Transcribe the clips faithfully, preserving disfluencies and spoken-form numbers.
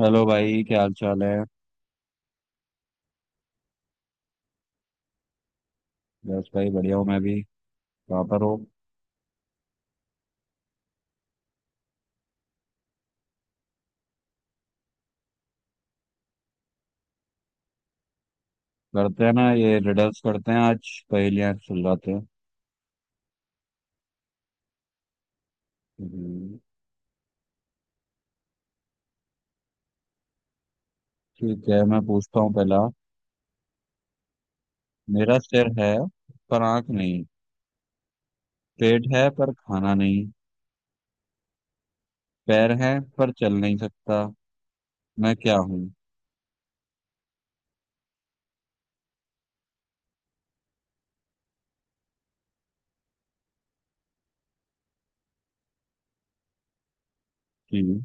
Hello भाई, क्या हाल चाल है? बस भाई, बढ़िया हूँ मैं भी। कहाँ पर हो? करते हैं ना, ये रिडल्स करते हैं आज, पहेलियां सुलझाते हैं। हम्म। ठीक है, मैं पूछता हूँ पहला। मेरा सिर है, पर आंख नहीं। पेट है पर खाना नहीं। पैर है, पर चल नहीं सकता। मैं क्या हूँ? जी।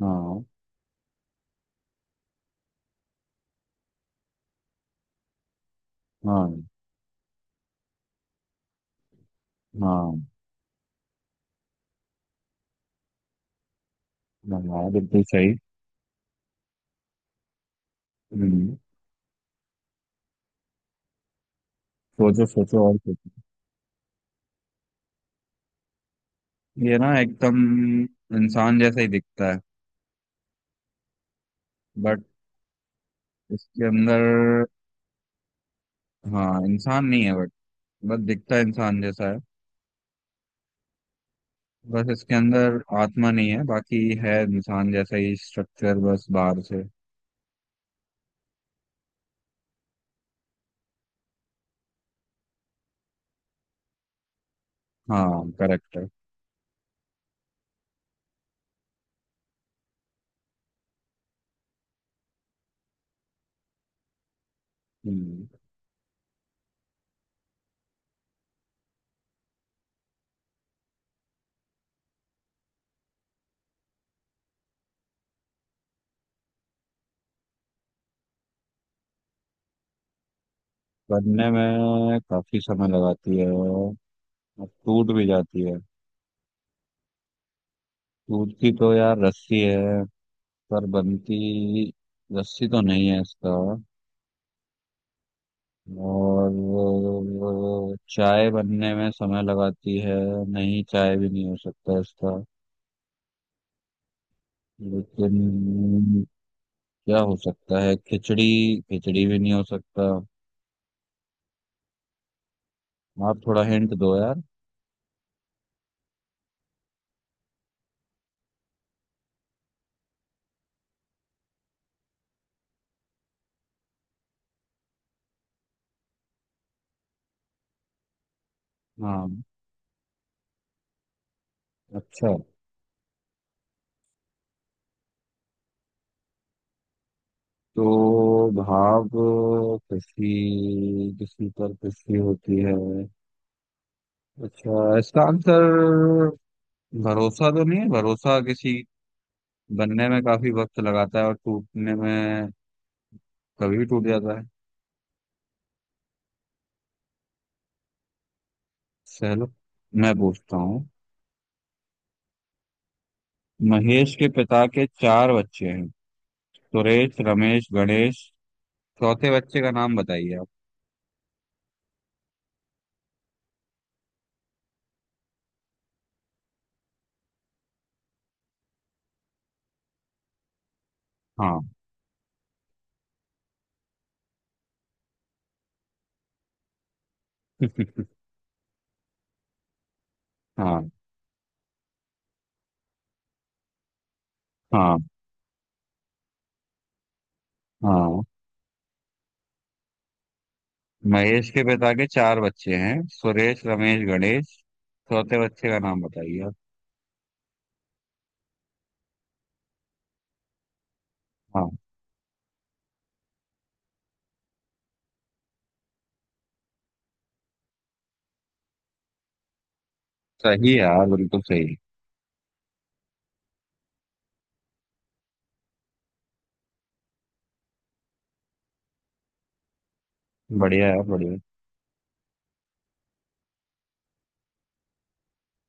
हाँ, हाँ, हाँ। हाँ, बिल्कुल सही। हम्म। सोचो, सोचो और सोचो। ये ना एकदम इंसान जैसा ही दिखता है, बट इसके अंदर। हाँ, इंसान नहीं है, बट बस दिखता इंसान जैसा है। बस इसके अंदर आत्मा नहीं है, बाकी है इंसान जैसा ही स्ट्रक्चर, बस बाहर से। हाँ, करेक्ट है। हम्म। बनने में काफी समय लगाती है और टूट भी जाती है। टूटती तो यार रस्सी है, पर बनती रस्सी तो नहीं है इसका। और वो चाय बनने में समय लगाती है। नहीं, चाय भी नहीं हो सकता इसका, लेकिन क्या हो सकता है, खिचड़ी? खिचड़ी भी नहीं हो सकता। आप थोड़ा हिंट दो यार। हाँ, अच्छा। तो भाव, खुशी, किसी पर खुशी होती है। अच्छा, इसका आंसर भरोसा तो नहीं है? भरोसा किसी बनने में काफी वक्त लगाता है और टूटने में कभी भी टूट जाता है। चलो, मैं पूछता हूँ। महेश के पिता के चार बच्चे हैं, सुरेश, रमेश, गणेश। चौथे बच्चे का नाम बताइए आप। हाँ। हाँ। हाँ। हाँ, महेश के पिता के चार बच्चे हैं, सुरेश, रमेश, गणेश। चौथे बच्चे का नाम बताइए आप। हाँ, सही है यार, बिल्कुल सही। बढ़िया है, बढ़िया।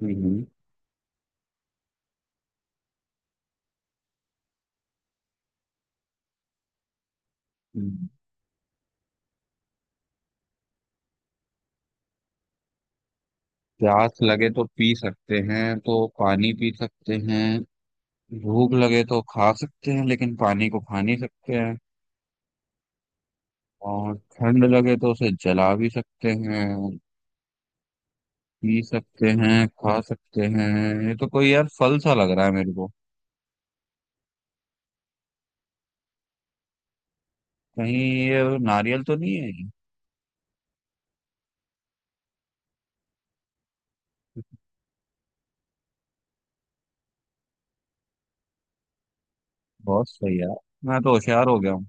हम्म, हम्म। हम्म। प्यास लगे तो पी सकते हैं, तो पानी पी सकते हैं। भूख लगे तो खा सकते हैं, लेकिन पानी को खा नहीं सकते हैं। और ठंड लगे तो उसे जला भी सकते हैं। पी सकते हैं, खा सकते हैं। ये तो कोई यार फल सा लग रहा है मेरे को। कहीं ये नारियल तो नहीं है? बहुत सही यार, मैं तो होशियार हो गया हूँ।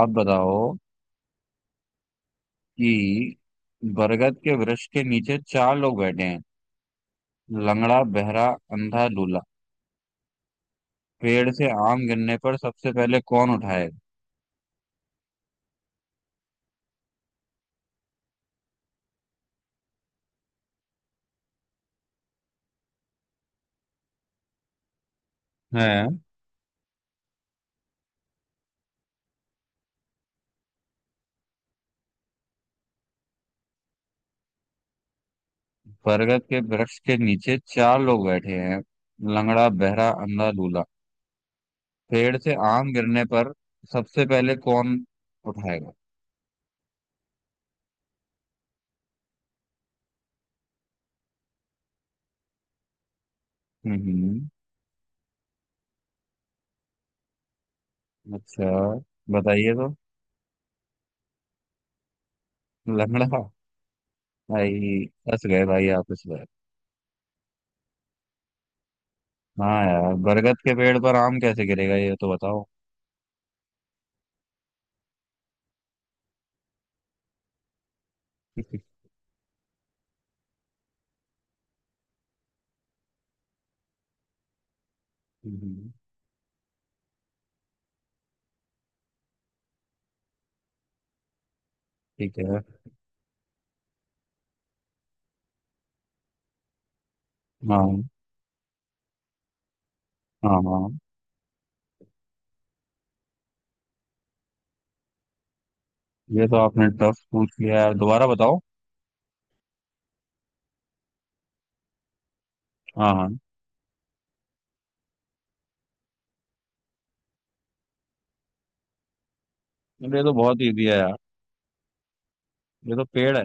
आप बताओ कि बरगद के वृक्ष के नीचे चार लोग बैठे हैं। लंगड़ा, बहरा, अंधा, लूला। पेड़ से आम गिरने पर सबसे पहले कौन उठाएगा? है। बरगद के वृक्ष के नीचे चार लोग बैठे हैं, लंगड़ा, बहरा, अंधा, लूला। पेड़ से आम गिरने पर सबसे पहले कौन उठाएगा? हम्म। अच्छा, बताइए तो। लंगड़ा? भाई, फंस गए भाई आप इसमें। हाँ यार, बरगद के पेड़ पर आम कैसे गिरेगा ये तो बताओ। हम्म। ठीक है। हाँ, हाँ, हाँ। ये तो आपने टफ पूछ लिया यार, दोबारा बताओ। हाँ, हाँ। अरे, ये तो बहुत इजी है यार। ये तो पेड़ है।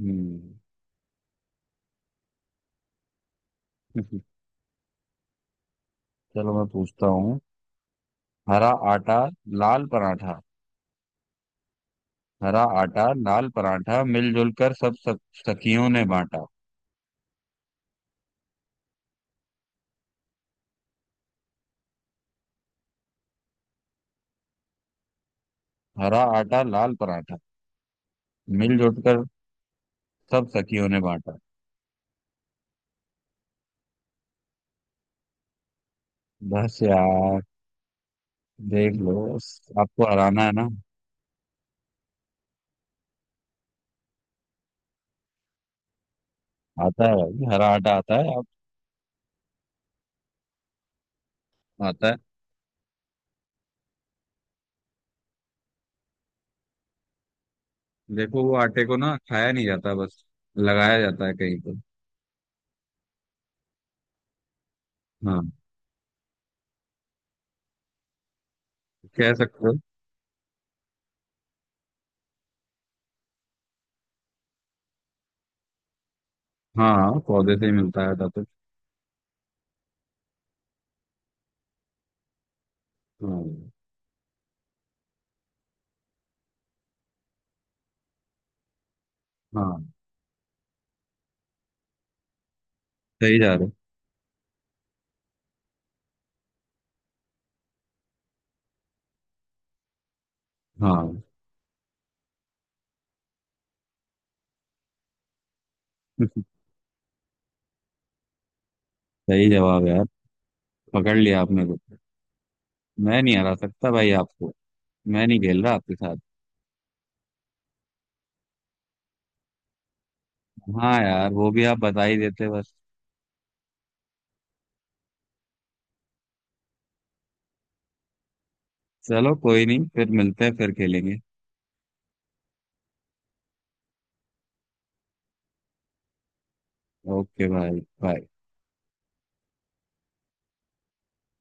हम्म। चलो, मैं पूछता हूँ। हरा आटा, लाल पराठा। हरा आटा लाल पराठा, मिलजुल कर सब सब सखियों ने बांटा। हरा आटा लाल पराठा, मिलजुल कर सब सखियों ने बांटा। बस यार। देख लो। आपको हराना है ना। आता है भाई, हरा आटा आता है आप। आता है। देखो, वो आटे को ना खाया नहीं जाता, बस लगाया जाता है कहीं पर। हाँ। कह सकते हो। हाँ, हाँ, पौधे से ही मिलता है आटा तो। हाँ। हाँ, सही जा रहे हो। हाँ। सही जवाब है यार, पकड़ लिया आपने तो। मैं नहीं हरा सकता भाई आपको। मैं नहीं खेल रहा आपके साथ। हाँ यार, वो भी आप बता ही देते बस। चलो, कोई नहीं, फिर मिलते हैं, फिर खेलेंगे। ओके भाई, बाय।